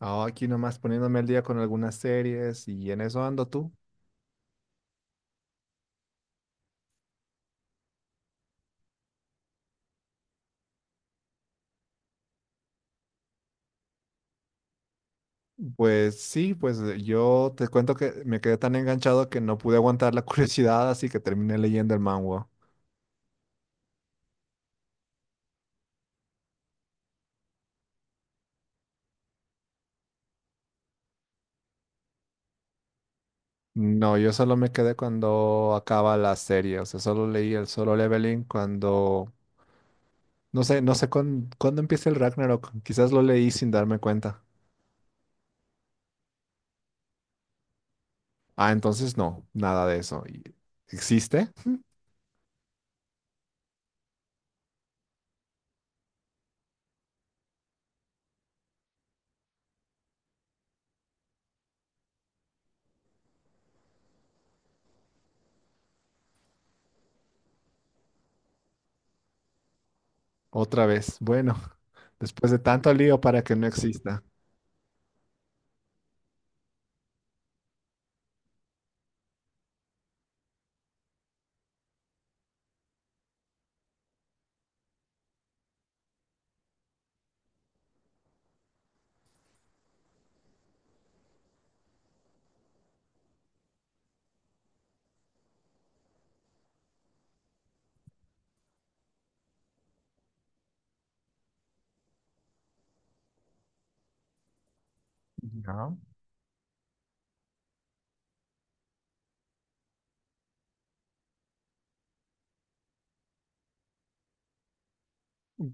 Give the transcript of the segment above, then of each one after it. Ah, aquí nomás poniéndome al día con algunas series y en eso ando tú. Pues sí, pues yo te cuento que me quedé tan enganchado que no pude aguantar la curiosidad, así que terminé leyendo el manhwa. No, yo solo me quedé cuando acaba la serie, o sea, solo leí el Solo Leveling cuando, no sé cuándo empieza el Ragnarok, quizás lo leí sin darme cuenta. Ah, entonces no, nada de eso. ¿Existe? Otra vez. Bueno, después de tanto lío para que no exista. Ya.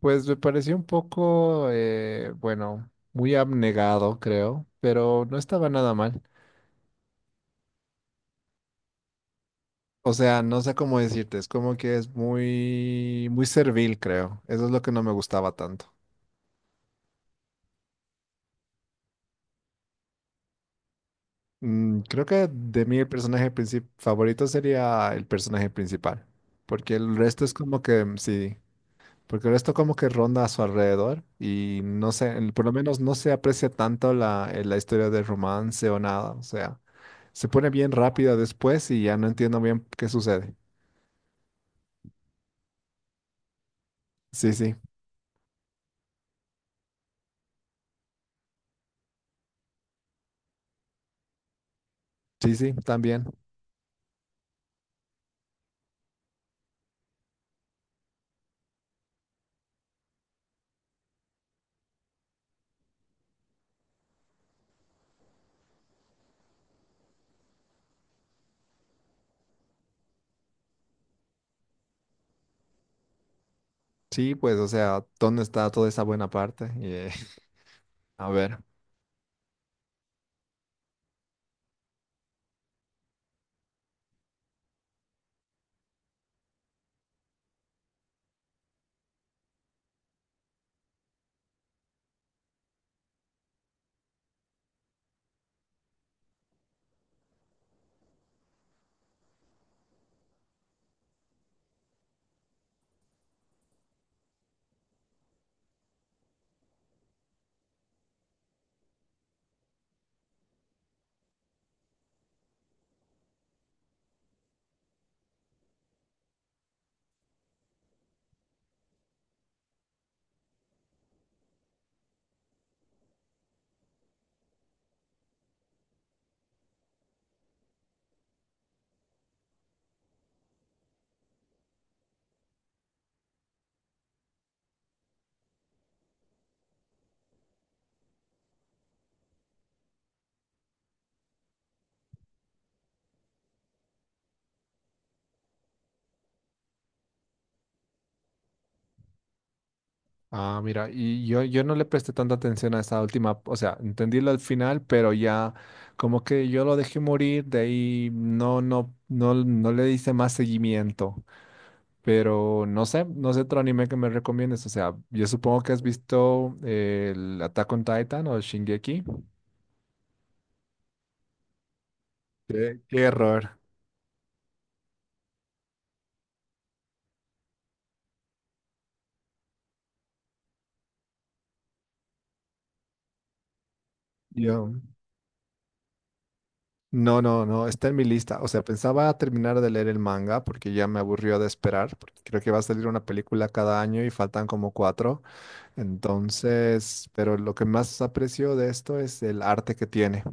Pues me pareció un poco, bueno, muy abnegado, creo, pero no estaba nada mal. O sea, no sé cómo decirte, es como que es muy, muy servil, creo. Eso es lo que no me gustaba tanto. Creo que de mí el personaje favorito sería el personaje principal, porque el resto es como que, mm, sí, porque el resto como que ronda a su alrededor y no sé, por lo menos no se aprecia tanto la historia de romance o nada. O sea, se pone bien rápida después y ya no entiendo bien qué sucede. Sí, sí, sí, sí, también. Sí, pues, o sea, ¿dónde está toda esa buena parte? Y, a ver. Ah, mira, y yo no le presté tanta atención a esa última, o sea, entendí lo al final, pero ya como que yo lo dejé morir, de ahí no, no, no, no le hice más seguimiento. Pero no sé otro anime que me recomiendes. O sea, yo supongo que has visto el Attack on Titan o Shingeki. Qué error. Yo, no, no, no, está en mi lista. O sea, pensaba terminar de leer el manga porque ya me aburrió de esperar, porque creo que va a salir una película cada año y faltan como cuatro. Entonces, pero lo que más aprecio de esto es el arte que tiene.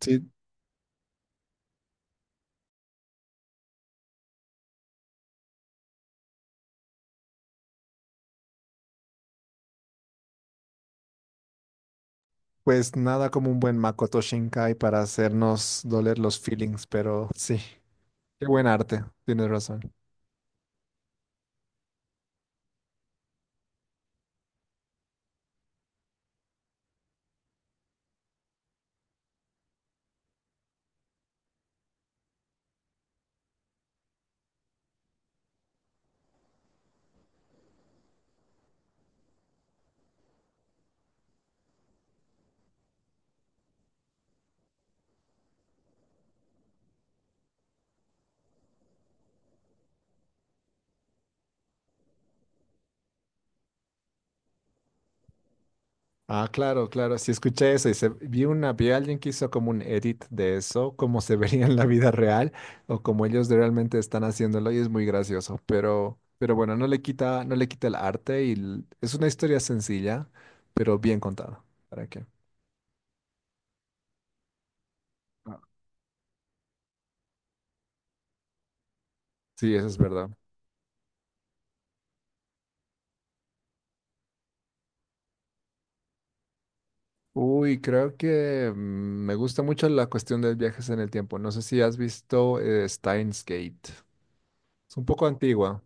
Sí, pues nada como un buen Makoto Shinkai para hacernos doler los feelings, pero sí. Qué buen arte, tienes razón. Ah, claro, claro, sí escuché eso y vi vi a alguien que hizo como un edit de eso, como se vería en la vida real o como ellos realmente están haciéndolo y es muy gracioso, pero bueno, no le quita el arte y es una historia sencilla, pero bien contada. ¿Para qué? Ah, sí, eso es verdad. Uy, creo que me gusta mucho la cuestión de viajes en el tiempo. No sé si has visto Steins Gate. Es un poco antigua.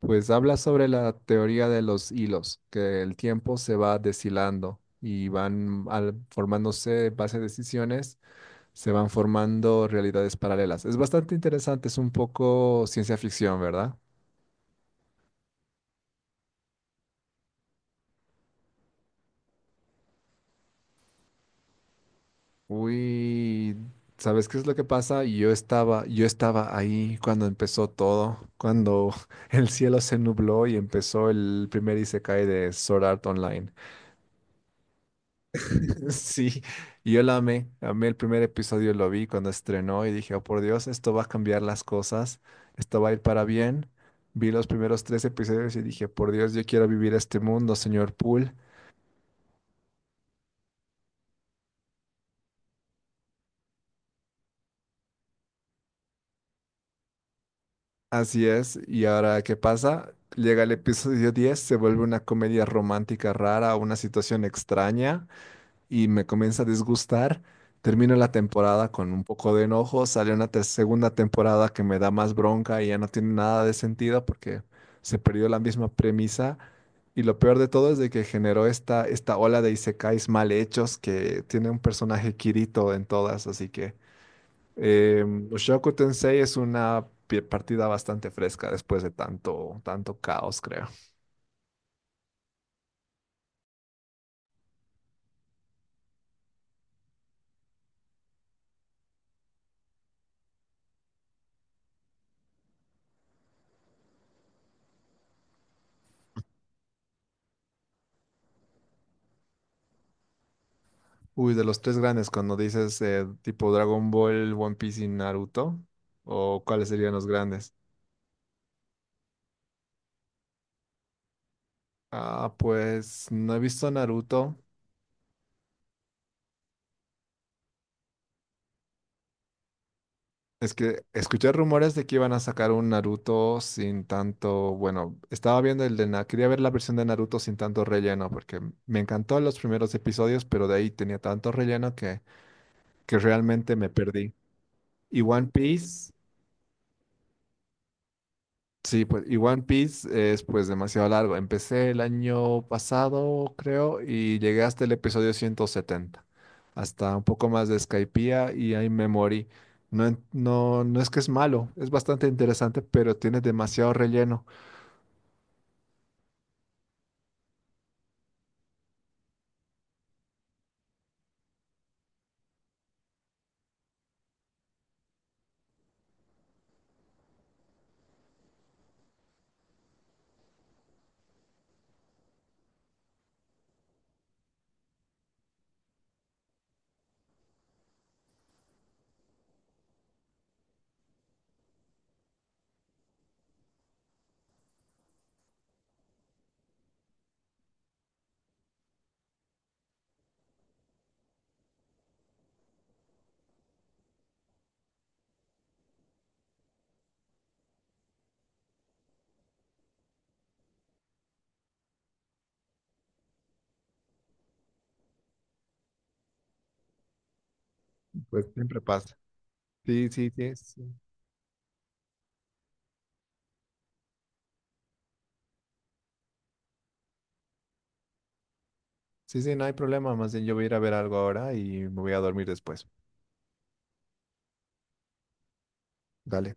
Pues habla sobre la teoría de los hilos, que el tiempo se va deshilando y van formándose base de decisiones, se van formando realidades paralelas. Es bastante interesante, es un poco ciencia ficción, ¿verdad? Uy, ¿sabes qué es lo que pasa? Yo estaba ahí cuando empezó todo, cuando el cielo se nubló y empezó el primer isekai de Sword Art Online. Sí, y yo la amé, amé el primer episodio, lo vi cuando estrenó y dije: oh por Dios, esto va a cambiar las cosas, esto va a ir para bien. Vi los primeros tres episodios y dije: por Dios, yo quiero vivir este mundo, señor Poole. Así es, y ahora, ¿qué pasa? Llega el episodio 10, se vuelve una comedia romántica rara, una situación extraña, y me comienza a disgustar. Termino la temporada con un poco de enojo, sale una segunda temporada que me da más bronca y ya no tiene nada de sentido porque se perdió la misma premisa. Y lo peor de todo es de que generó esta ola de isekais mal hechos que tiene un personaje Kirito en todas, así que Mushoku Tensei es una partida bastante fresca después de tanto, tanto caos, creo. Uy, de los tres grandes, cuando dices tipo Dragon Ball, One Piece y Naruto, ¿o cuáles serían los grandes? Ah, pues no he visto Naruto. Es que escuché rumores de que iban a sacar un Naruto sin tanto, bueno, estaba viendo el de quería ver la versión de Naruto sin tanto relleno, porque me encantó los primeros episodios, pero de ahí tenía tanto relleno que realmente me perdí. Y One Piece. Sí, pues, y One Piece es pues demasiado largo. Empecé el año pasado, creo, y llegué hasta el episodio 170, hasta un poco más de Skypiea y ahí me morí. No, no, no es que es malo, es bastante interesante, pero tiene demasiado relleno. Pues siempre pasa. Sí, sí, sí, sí, sí, sí, no hay problema. Más bien yo voy a ir a ver algo ahora y me voy a dormir después. Dale.